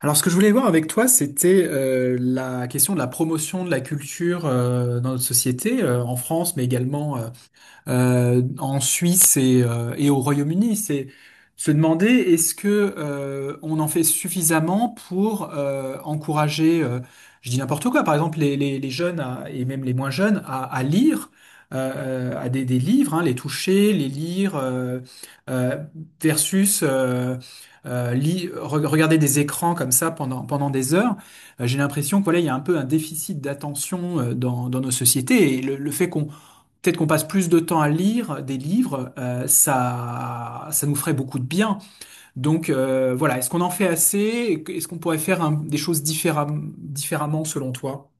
Alors, ce que je voulais voir avec toi, c'était la question de la promotion de la culture dans notre société, en France, mais également en Suisse et au Royaume-Uni. C'est se demander est-ce que on en fait suffisamment pour encourager, je dis n'importe quoi, par exemple les jeunes et même les moins jeunes à lire. À des livres, hein, les toucher, les lire, euh, versus regarder des écrans comme ça pendant des heures. J'ai l'impression que voilà, il y a un peu un déficit d'attention dans nos sociétés et le fait qu'on… Peut-être qu'on passe plus de temps à lire des livres, ça nous ferait beaucoup de bien. Donc voilà, est-ce qu'on en fait assez? Est-ce qu'on pourrait faire des choses différemment selon toi?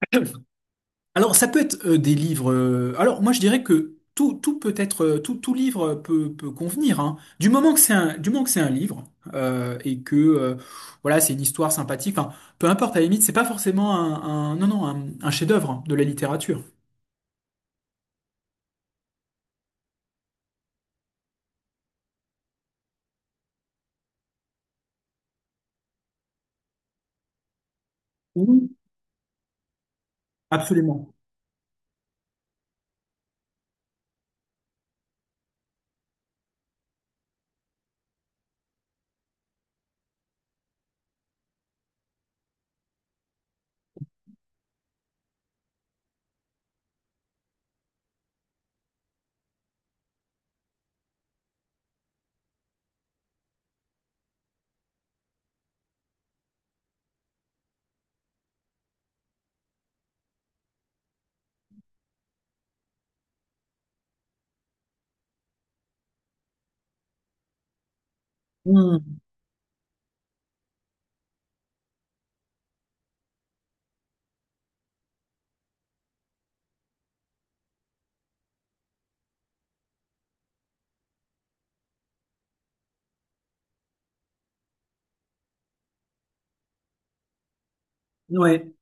Alors ça peut être des livres. Alors moi je dirais que tout peut être, tout livre peut convenir, hein. Du moment que c'est un livre et que voilà, c'est une histoire sympathique. Enfin, peu importe à la limite, c'est pas forcément un- non non un, un chef-d'œuvre de la littérature. Oui, absolument. Mmh, ouais.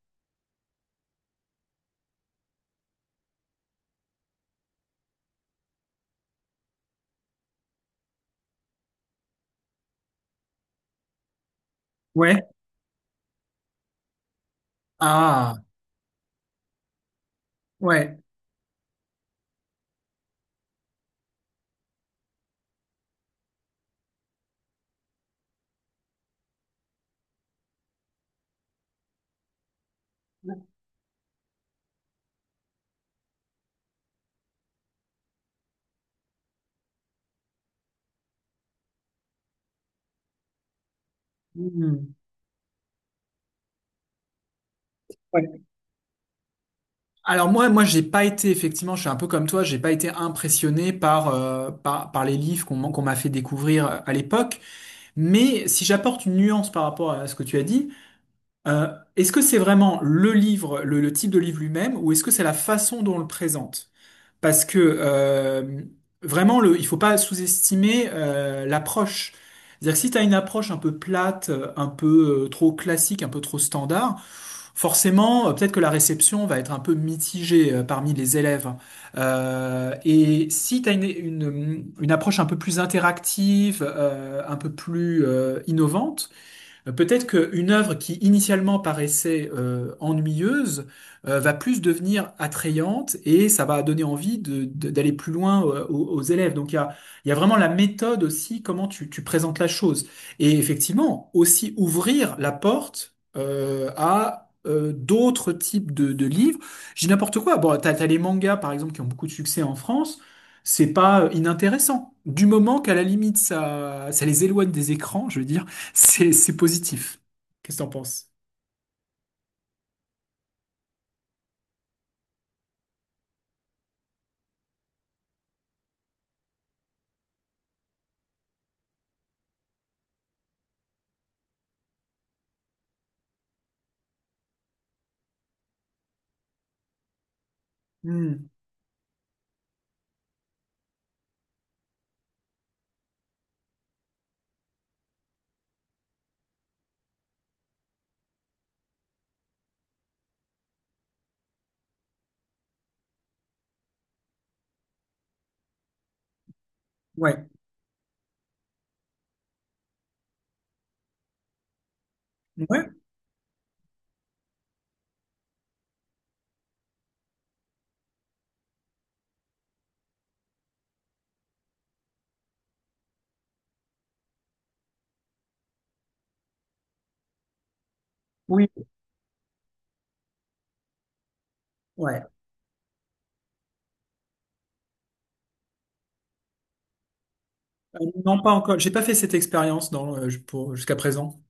Ouais. Ah, ouais. Hmm. Ouais. Alors moi, j'ai pas été effectivement, je suis un peu comme toi, j'ai pas été impressionné par par les livres qu'on m'a fait découvrir à l'époque. Mais si j'apporte une nuance par rapport à ce que tu as dit, euh, est-ce que c'est vraiment le type de livre lui-même, ou est-ce que c'est la façon dont on le présente? Parce que vraiment, le, il faut pas sous-estimer l'approche. C'est-à-dire que si tu as une approche un peu plate, un peu trop classique, un peu trop standard, forcément, peut-être que la réception va être un peu mitigée parmi les élèves. Et si tu as une approche un peu plus interactive, un peu plus innovante, peut-être qu'une œuvre qui initialement paraissait ennuyeuse va plus devenir attrayante et ça va donner envie d'aller plus loin aux élèves. Donc il y a vraiment la méthode aussi, comment tu présentes la chose. Et effectivement, aussi ouvrir la porte à… d'autres types de livres. J'ai n'importe quoi. Bon, t'as les mangas, par exemple, qui ont beaucoup de succès en France. C'est pas inintéressant. Du moment qu'à la limite, ça les éloigne des écrans, je veux dire. C'est positif. Qu'est-ce que t'en penses? Hmm. Ouais. Ouais. Oui. Ouais. Non, pas encore. J'ai pas fait cette expérience dans pour jusqu'à présent.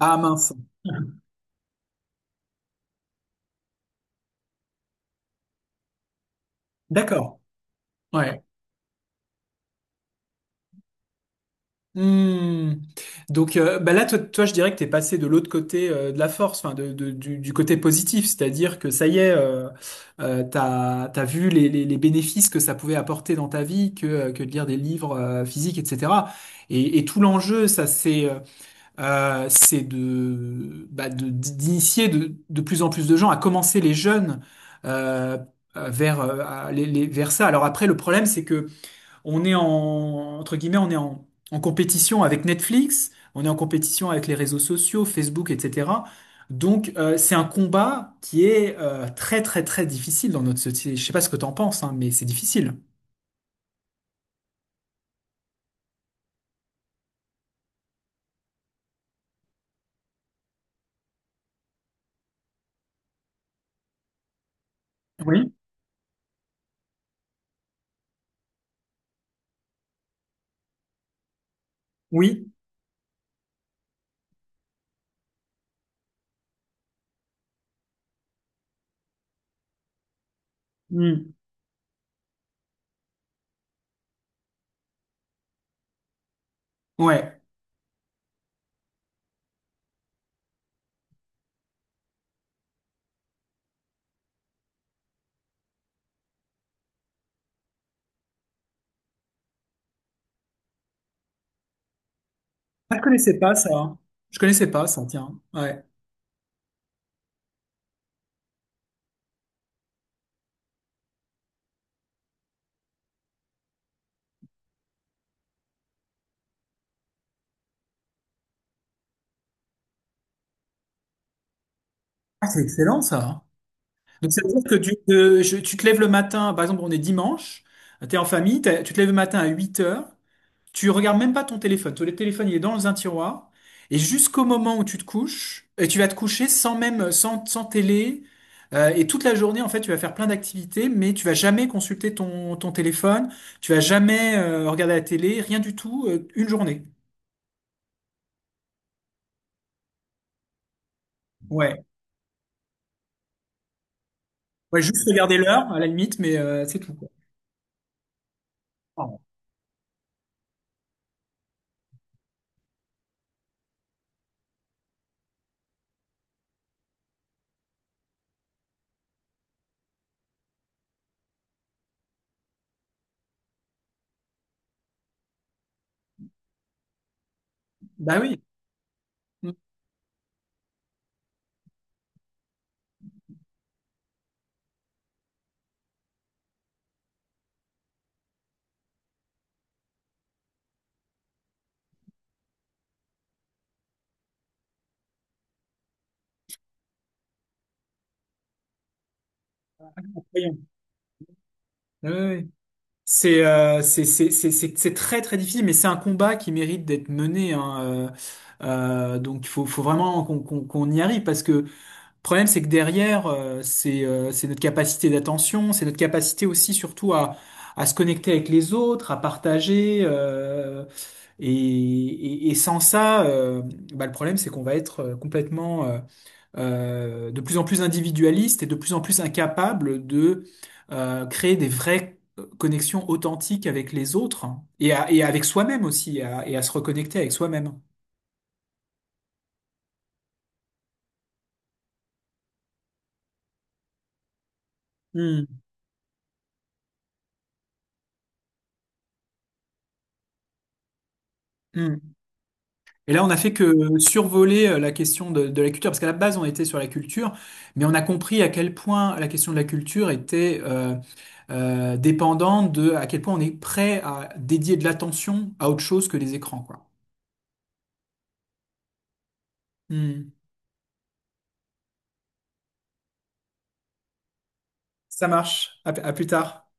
Ah mince. D'accord. Ouais. Hmm. Donc bah là, toi, je dirais que t'es passé de l'autre côté de la force, enfin du côté positif, c'est-à-dire que ça y est, t'as vu les bénéfices que ça pouvait apporter dans ta vie, que de lire des livres physiques, etc. Et tout l'enjeu, ça c'est de, bah, de d'initier de plus en plus de gens, à commencer les jeunes euh, vers vers ça. Alors après, le problème, c'est que on est, en, entre guillemets, on est en, en compétition avec Netflix, on est en compétition avec les réseaux sociaux, Facebook, etc. Donc, c'est un combat qui est très difficile dans notre société. Je sais pas ce que t'en penses, hein, mais c'est difficile. Oui, oui, hmm, ouais. Ah, je connaissais pas ça, hein. Je connaissais pas ça, tiens. Ouais. Ah, c'est excellent ça. Donc, ça veut dire que tu te lèves le matin, par exemple, on est dimanche, tu es en famille, tu te lèves le matin à 8 heures. Tu regardes même pas ton téléphone. Ton téléphone, il est dans un tiroir. Et jusqu'au moment où tu te couches, et tu vas te coucher sans même, sans télé. Et toute la journée, en fait, tu vas faire plein d'activités, mais tu vas jamais consulter ton téléphone. Tu vas jamais regarder la télé, rien du tout, une journée. Ouais. Ouais, juste regarder l'heure, à la limite, mais c'est tout, quoi. Ah. Bah oui. Mm. Voyons. Ouais, ouais. C'est très très difficile, mais c'est un combat qui mérite d'être mené. Hein, donc il faut vraiment qu'on y arrive, parce que le problème c'est que derrière c'est notre capacité d'attention, c'est notre capacité aussi surtout à se connecter avec les autres, à partager. Et sans ça, bah, le problème c'est qu'on va être complètement de plus en plus individualiste et de plus en plus incapable de créer des vraies connexions authentiques avec les autres et avec soi-même aussi, et à se reconnecter avec soi-même. Hmm, hmm. Et là, on a fait que survoler la question de la culture, parce qu'à la base, on était sur la culture, mais on a compris à quel point la question de la culture était dépendante de à quel point on est prêt à dédier de l'attention à autre chose que les écrans, quoi. Hmm. Ça marche. À à plus tard.